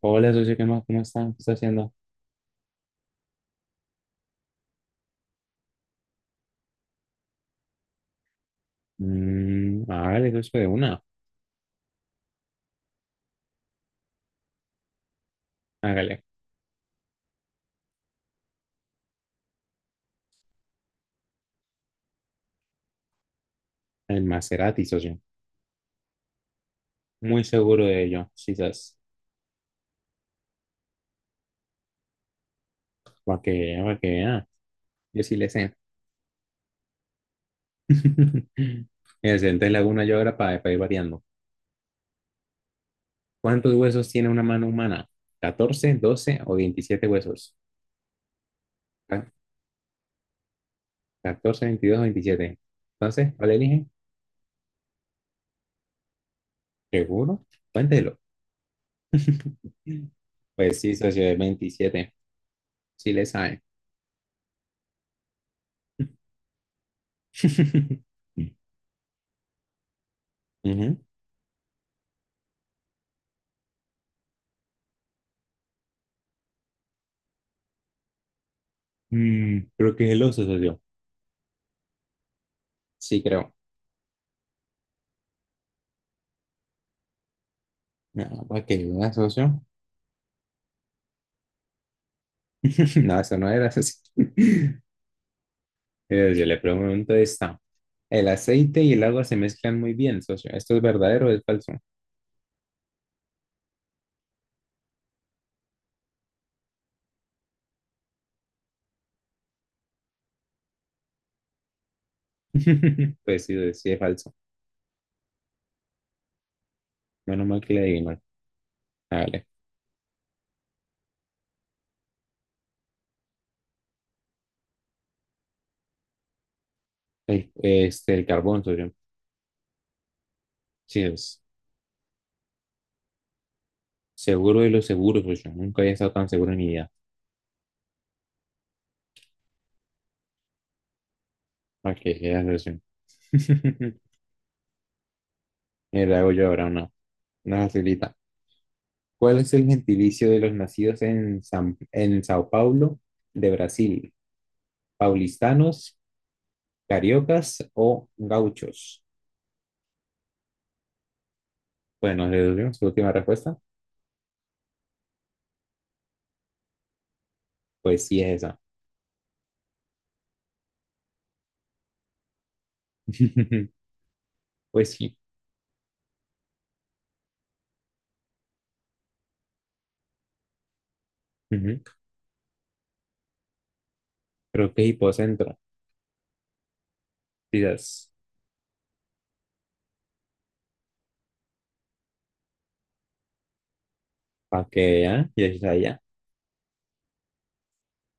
Hola, socio, ¿qué más? ¿Cómo está? ¿Qué está haciendo? Hágale, socio, de una. Hágale. El Maserati, socio. Muy seguro de ello, quizás. Para que vea, para que vea. Yo sí le sé. Entonces le hago una yo ahora para ir variando. ¿Cuántos huesos tiene una mano humana? ¿14, 12 o 27 huesos? Ca- 14, 22 o 27. Entonces, ¿cuál elige? ¿Seguro? Cuéntelo. Pues sí, socio, es 27. Sí le sabe. Ujú. Mm, creo que es el oso, socio. Sí, creo. No, ¿para qué? ¿Una socio? No, eso no era socio. Yo le pregunto esta. El aceite y el agua se mezclan muy bien, socio. ¿Esto es verdadero o es falso? Pues sí, sí es falso. Menos mal que le adivinó. Ah, vale. Este, el carbón, socio. Sí, es seguro de lo seguro, socio. Nunca había estado tan seguro en mi vida. ¿Para qué? Era socio. Mira, hago yo ahora una. Una facilita. ¿Cuál es el gentilicio de los nacidos en Sao Paulo, de Brasil? ¿Paulistanos, cariocas o gauchos? Bueno, le doy su última respuesta. Pues sí, es esa. Pues sí. Ujú. Creo que es hipocentro. Quizás. Pa' que vean, ya está allá.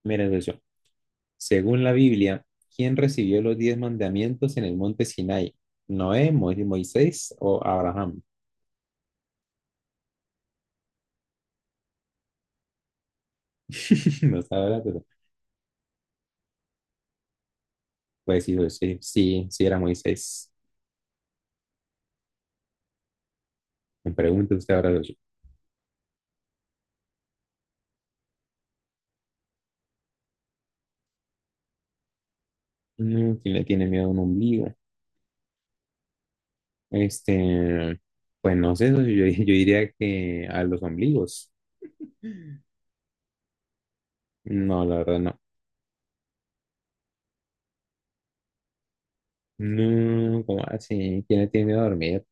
Miren eso. Según la Biblia, ¿quién recibió los diez mandamientos en el monte Sinai? ¿Noé, Moisés o Abraham? No sabe la cosa. Pues sí, sí, sí era Moisés. Me pregunta usted ahora, socio, no, ¿quién le tiene miedo a un ombligo? Este, pues no sé, socio, yo, yo diría que a los ombligos. No, la verdad no. No, ¿cómo así? ¿Quién le tiene miedo a dormir?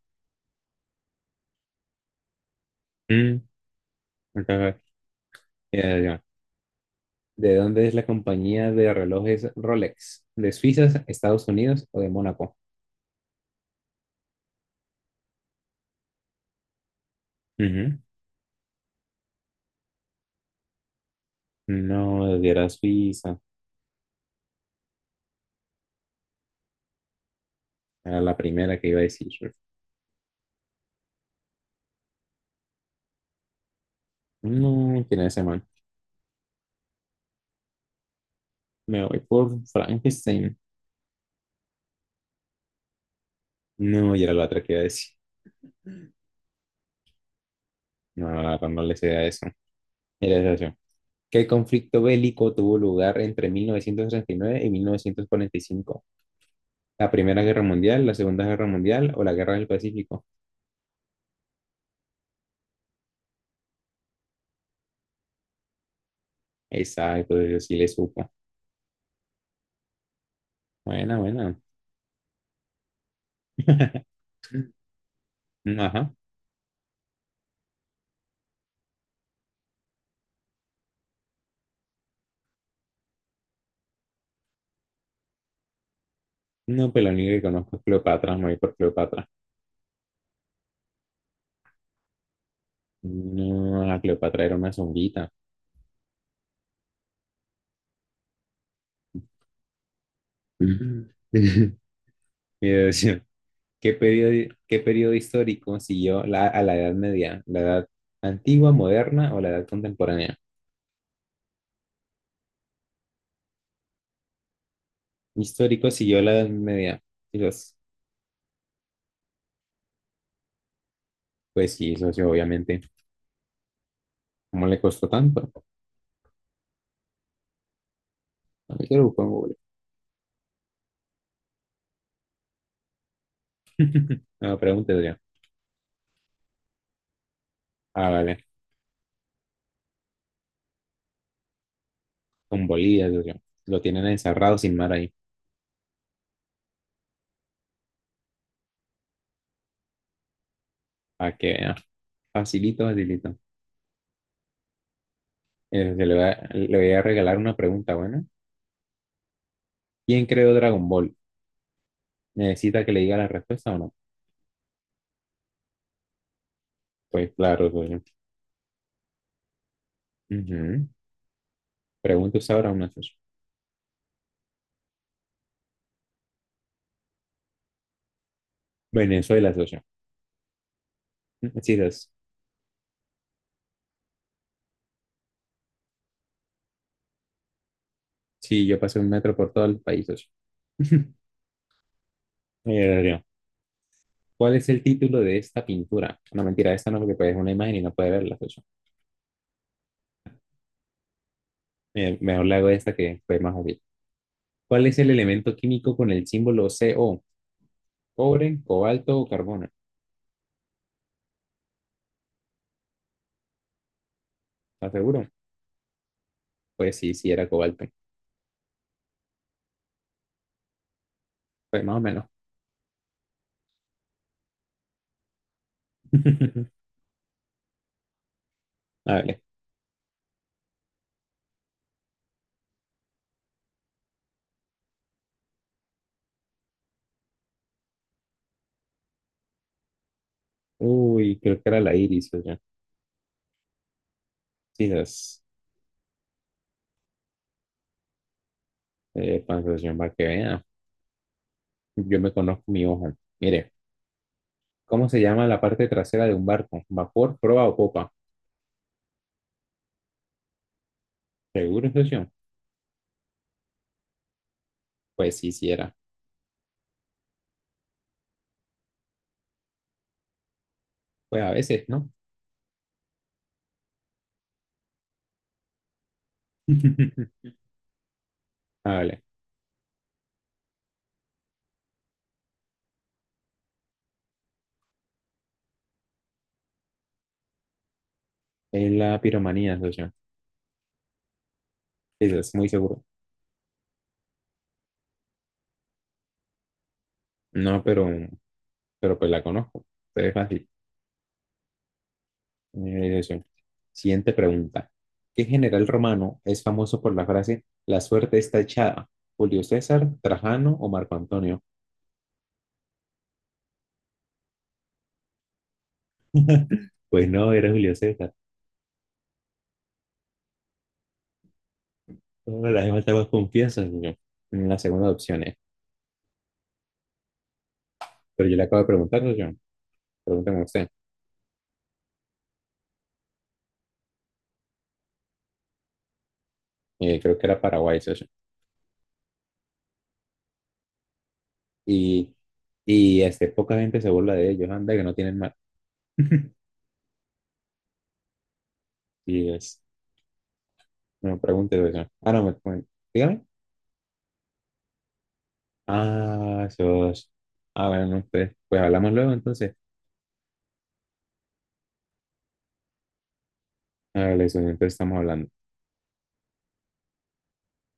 Mm, ajá. Ya, ya. ¿De dónde es la compañía de relojes Rolex? ¿De Suiza, Estados Unidos o de Mónaco? Ujú. No, era Suiza. Era la primera que iba a decir. No, ¿quién es ese man? Me voy por Frankenstein. No, y era la otra que iba a decir. No, la verdad no le sé a eso. Mira esa opción. ¿Qué conflicto bélico tuvo lugar entre 1939 y 1945? ¿La Primera Guerra Mundial, la Segunda Guerra Mundial o la Guerra del Pacífico? Exacto, yo sí le supo. Buena, buena. Mm, ajá. No, pero lo único que conozco es Cleopatra, me voy por Cleopatra. No, la Cleopatra era una zonguita. Ujú. Mira, decía, ¿qué periodo histórico siguió a la Edad Media? ¿La Edad Antigua, Moderna o la Edad Contemporánea? Histórico siguió la Edad Media. Y los, pues sí, socio, obviamente. ¿Cómo le costó tanto? A mí que lo busco en Google. No, pregunte, socio. Ah, vale. Con Bolívar, socio. Lo tienen encerrado sin mar ahí. Para que vea. Facilito, facilito. Socio, le voy a regalar una pregunta, bueno. ¿Quién creó Dragon Ball? ¿Necesita que le diga la respuesta o no? Pues claro, socio. Ujú. Pregunta usted ahora una, socio. Venezuela, socio. Sí, socio. Sí, yo pasé un metro por todo el país, socio. Socio, ¿cuál es el título de esta pintura? No, mentira, esta no, porque pues, es una imagen y no puede verla. Pues, mejor le hago esta que fue más obvio. ¿Cuál es el elemento químico con el símbolo CO? ¿Cobre, cobalto o carbono? ¿Estás seguro? Pues sí, sí era cobalto. Pues más o menos. A ver. Uy, creo que era la iris, oye. Quizás. Sensación para que vea. Yo me conozco mi ojo. Mire, ¿cómo se llama la parte trasera de un barco? ¿Vapor, proa o popa? ¿Seguro, socio? Pues sí, sí era. Pues a veces, ¿no? Vale. Es la piromanía, socio. Eso es muy seguro. No, pero pues la conozco. Entonces es fácil. Socio. Siguiente pregunta. ¿Qué general romano es famoso por la frase La suerte está echada? ¿Julio César, Trajano o Marco Antonio? Pues no, era Julio César. No, la demás estaba confianza, socio. En la segunda opción es. Pero yo le acabo de preguntar, socio. Pregúnteme usted. Creo que era Paraguay, socio. Y, y este, poca gente se burla de ellos. Anda, que no tienen mal. Y es. No, pregunte tú eso. Ah, no, dígame. Ah, sos. Ah, bueno, no, pues, hablamos luego entonces. Hágale eso, entonces estamos hablando.